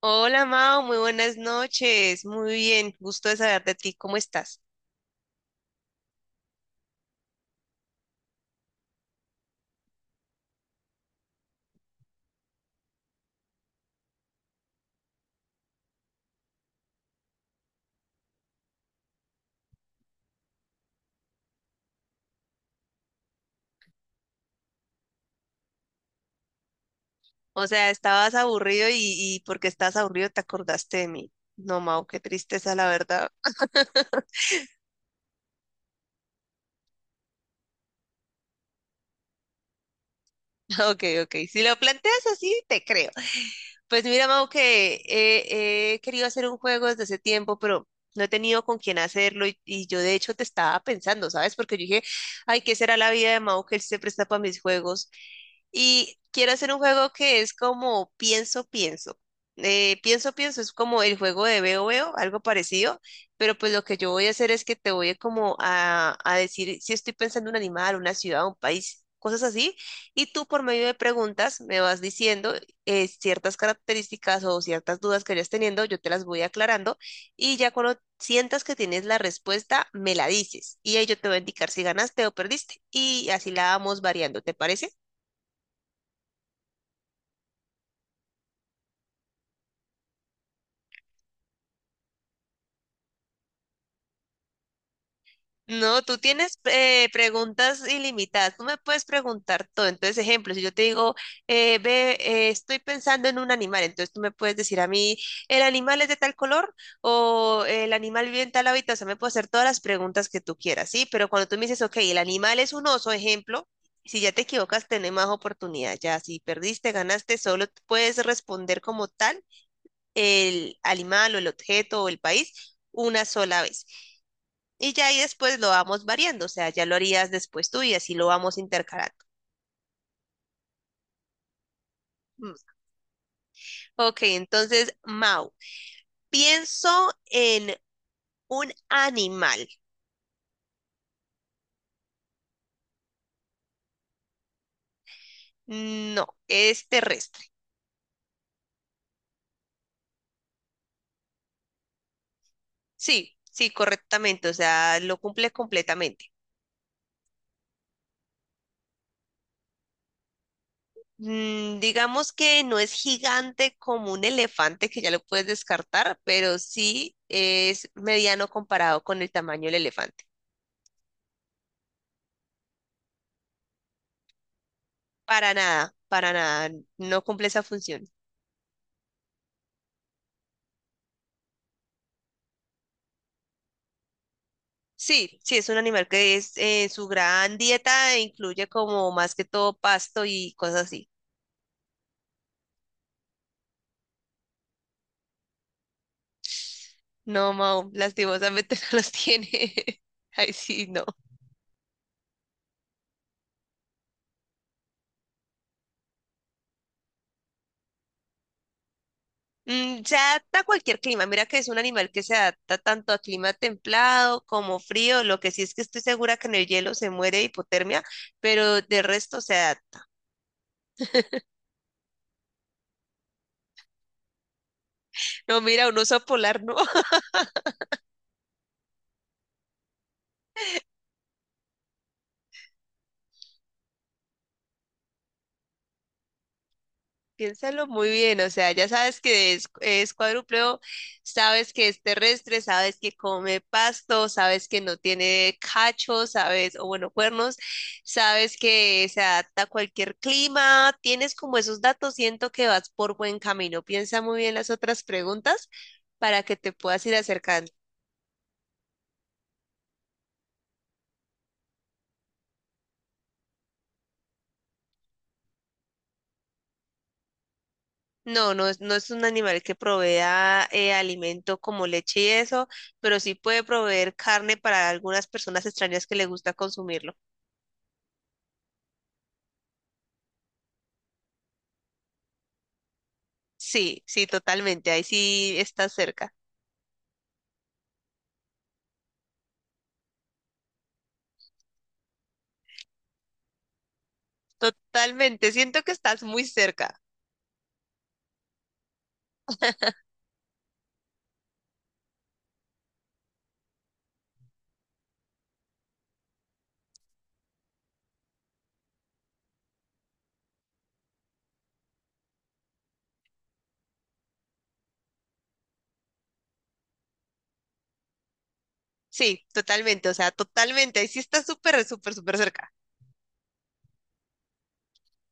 Hola Mao, muy buenas noches. Muy bien, gusto de saber de ti. ¿Cómo estás? O sea, estabas aburrido y porque estabas aburrido te acordaste de mí. No, Mao, qué tristeza, la verdad. Ok, ok. Si lo planteas así, te creo. Pues mira, Mau, que he querido hacer un juego desde hace tiempo, pero no he tenido con quién hacerlo y yo de hecho te estaba pensando, ¿sabes? Porque yo dije, ay, ¿qué será la vida de Mau que él se presta para mis juegos? Y quiero hacer un juego que es como pienso, pienso. Pienso, pienso es como el juego de veo, veo, algo parecido, pero pues lo que yo voy a hacer es que te voy a como a decir si estoy pensando en un animal, una ciudad, un país, cosas así, y tú por medio de preguntas me vas diciendo ciertas características o ciertas dudas que vayas teniendo, yo te las voy aclarando y ya cuando sientas que tienes la respuesta, me la dices y ahí yo te voy a indicar si ganaste o perdiste y así la vamos variando, ¿te parece? No, tú tienes preguntas ilimitadas. Tú me puedes preguntar todo. Entonces, ejemplo, si yo te digo, estoy pensando en un animal, entonces tú me puedes decir a mí, ¿el animal es de tal color? O el animal vive en tal hábitat. O sea, me puedo hacer todas las preguntas que tú quieras, ¿sí? Pero cuando tú me dices, ok, el animal es un oso, ejemplo, si ya te equivocas, tenés más oportunidad. Ya, si perdiste, ganaste, solo puedes responder como tal el animal o el objeto o el país una sola vez. Y ya ahí después lo vamos variando, o sea, ya lo harías después tú y así lo vamos intercalando. Mm. Ok, entonces, Mau, pienso en un animal. No, es terrestre. Sí, sí, correctamente, o sea, lo cumple completamente. Mm, digamos que no es gigante como un elefante, que ya lo puedes descartar, pero sí es mediano comparado con el tamaño del elefante. Para nada, no cumple esa función. Sí, sí, es un animal que es su gran dieta e incluye como más que todo pasto y cosas así. No, Mau, lastimosamente no los tiene. Ay, sí, no. Mm, se adapta a cualquier clima. Mira que es un animal que se adapta tanto a clima templado como frío. Lo que sí es que estoy segura que en el hielo se muere de hipotermia, pero de resto se adapta. No, mira, un oso polar, ¿no? Piénsalo muy bien, o sea, ya sabes que es cuadrúpedo, sabes que es terrestre, sabes que come pasto, sabes que no tiene cachos, sabes, o bueno, cuernos, sabes que se adapta a cualquier clima, tienes como esos datos, siento que vas por buen camino. Piensa muy bien las otras preguntas para que te puedas ir acercando. No es un animal que provea alimento como leche y eso, pero sí puede proveer carne para algunas personas extrañas que le gusta consumirlo. Sí, sí, totalmente. Ahí sí estás cerca. Totalmente. Siento que estás muy cerca. Sí, totalmente. O sea, totalmente. Ahí sí estás súper, súper, súper cerca.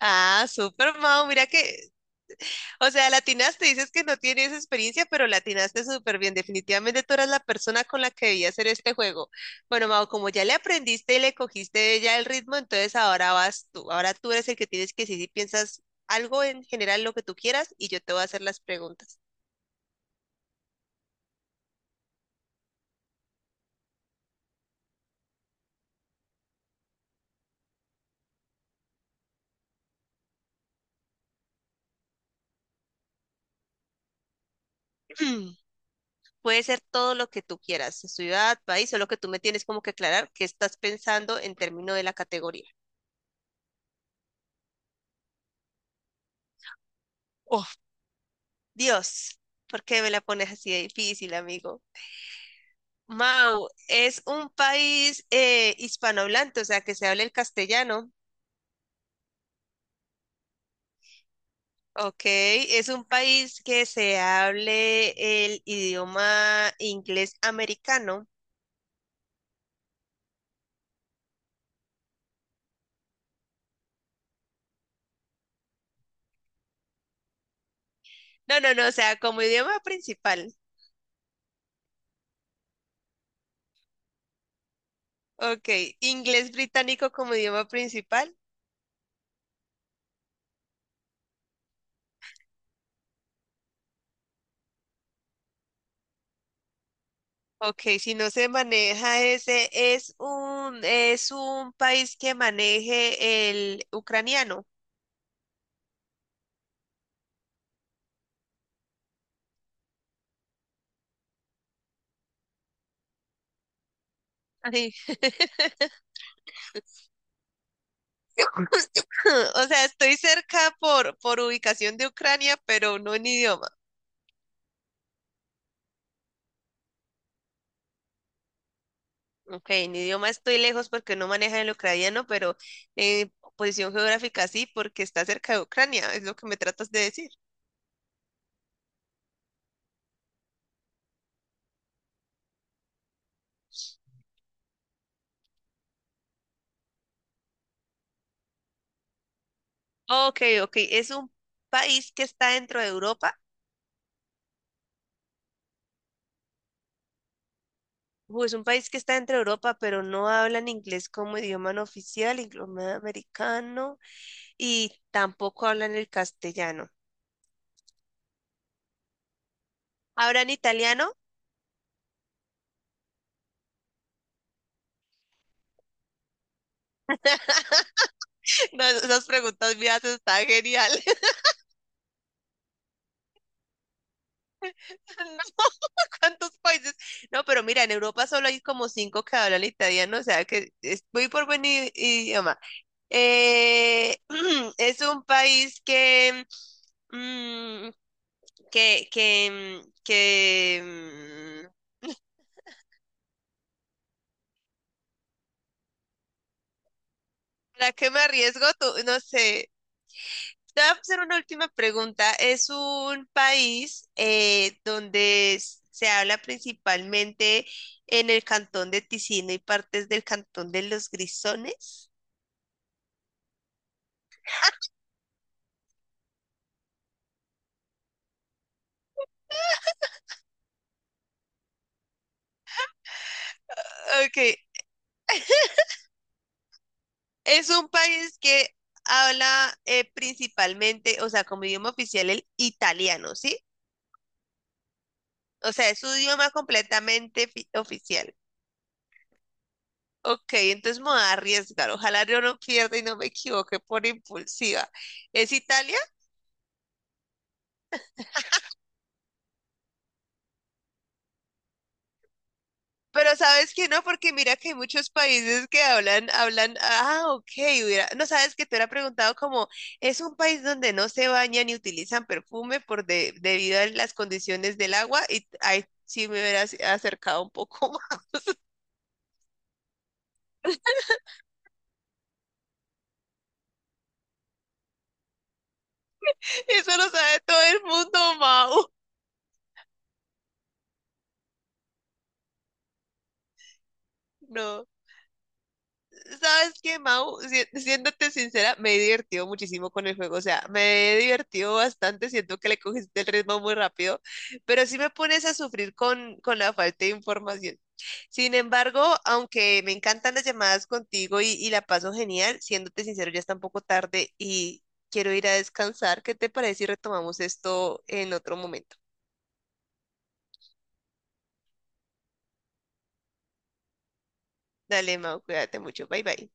Ah, súper, Mau. Mira que, o sea, latinaste. Dices que no tienes experiencia, pero latinaste súper bien. Definitivamente tú eras la persona con la que debía hacer este juego. Bueno, Mau, como ya le aprendiste y le cogiste ya el ritmo, entonces ahora vas tú. Ahora tú eres el que tienes que decir si piensas algo en general, lo que tú quieras, y yo te voy a hacer las preguntas. Puede ser todo lo que tú quieras, ciudad, país, solo que tú me tienes como que aclarar qué estás pensando en términos de la categoría. Oh, Dios, ¿por qué me la pones así de difícil, amigo? Mau, es un país hispanohablante, o sea, que se hable el castellano. Ok, es un país que se hable el idioma inglés americano. No, no, no, o sea, como idioma principal. Ok, inglés británico como idioma principal. Ok, si no se maneja ese, es un país que maneje el ucraniano. Ay, O sea, estoy cerca por ubicación de Ucrania, pero no en idioma. Ok, en idioma estoy lejos porque no maneja el ucraniano, pero en posición geográfica sí, porque está cerca de Ucrania, es lo que me tratas de decir. Ok, ok, es un país que está dentro de Europa. Es un país que está dentro de Europa, pero no hablan inglés como idioma no oficial, idioma americano, y tampoco hablan el castellano. ¿Hablan italiano? No, esas preguntas mías están geniales. No, ¿cuántos países? No, pero mira, en Europa solo hay como cinco que hablan italiano, o sea que es muy por buen idioma. Eh, es un país mm, que, que, mm, que, mm, ¿para qué me arriesgo tú? No sé. Te voy a hacer una última pregunta. Es un país donde se habla principalmente en el cantón de Ticino y partes del cantón de los Grisones. Ok, es un país que habla principalmente, o sea, como idioma oficial el italiano, ¿sí? O sea, es su idioma completamente oficial. Ok, entonces me voy a arriesgar. Ojalá yo no pierda y no me equivoque por impulsiva. ¿Es Italia? Pero sabes que no, porque mira que hay muchos países que ah, ok, no sabes que te hubiera preguntado como, es un país donde no se bañan ni utilizan perfume por debido a las condiciones del agua y ahí sí me hubieras acercado un poco más. Eso lo sabe todo el mundo, Mau. No. ¿Sabes qué, Mau? Siéndote sincera, me he divertido muchísimo con el juego, o sea, me he divertido bastante, siento que le cogiste el ritmo muy rápido, pero sí me pones a sufrir con la falta de información. Sin embargo, aunque me encantan las llamadas contigo y la paso genial, siéndote sincero, ya está un poco tarde y quiero ir a descansar. ¿Qué te parece si retomamos esto en otro momento? Dale, Mau, cuídate mucho, bye bye.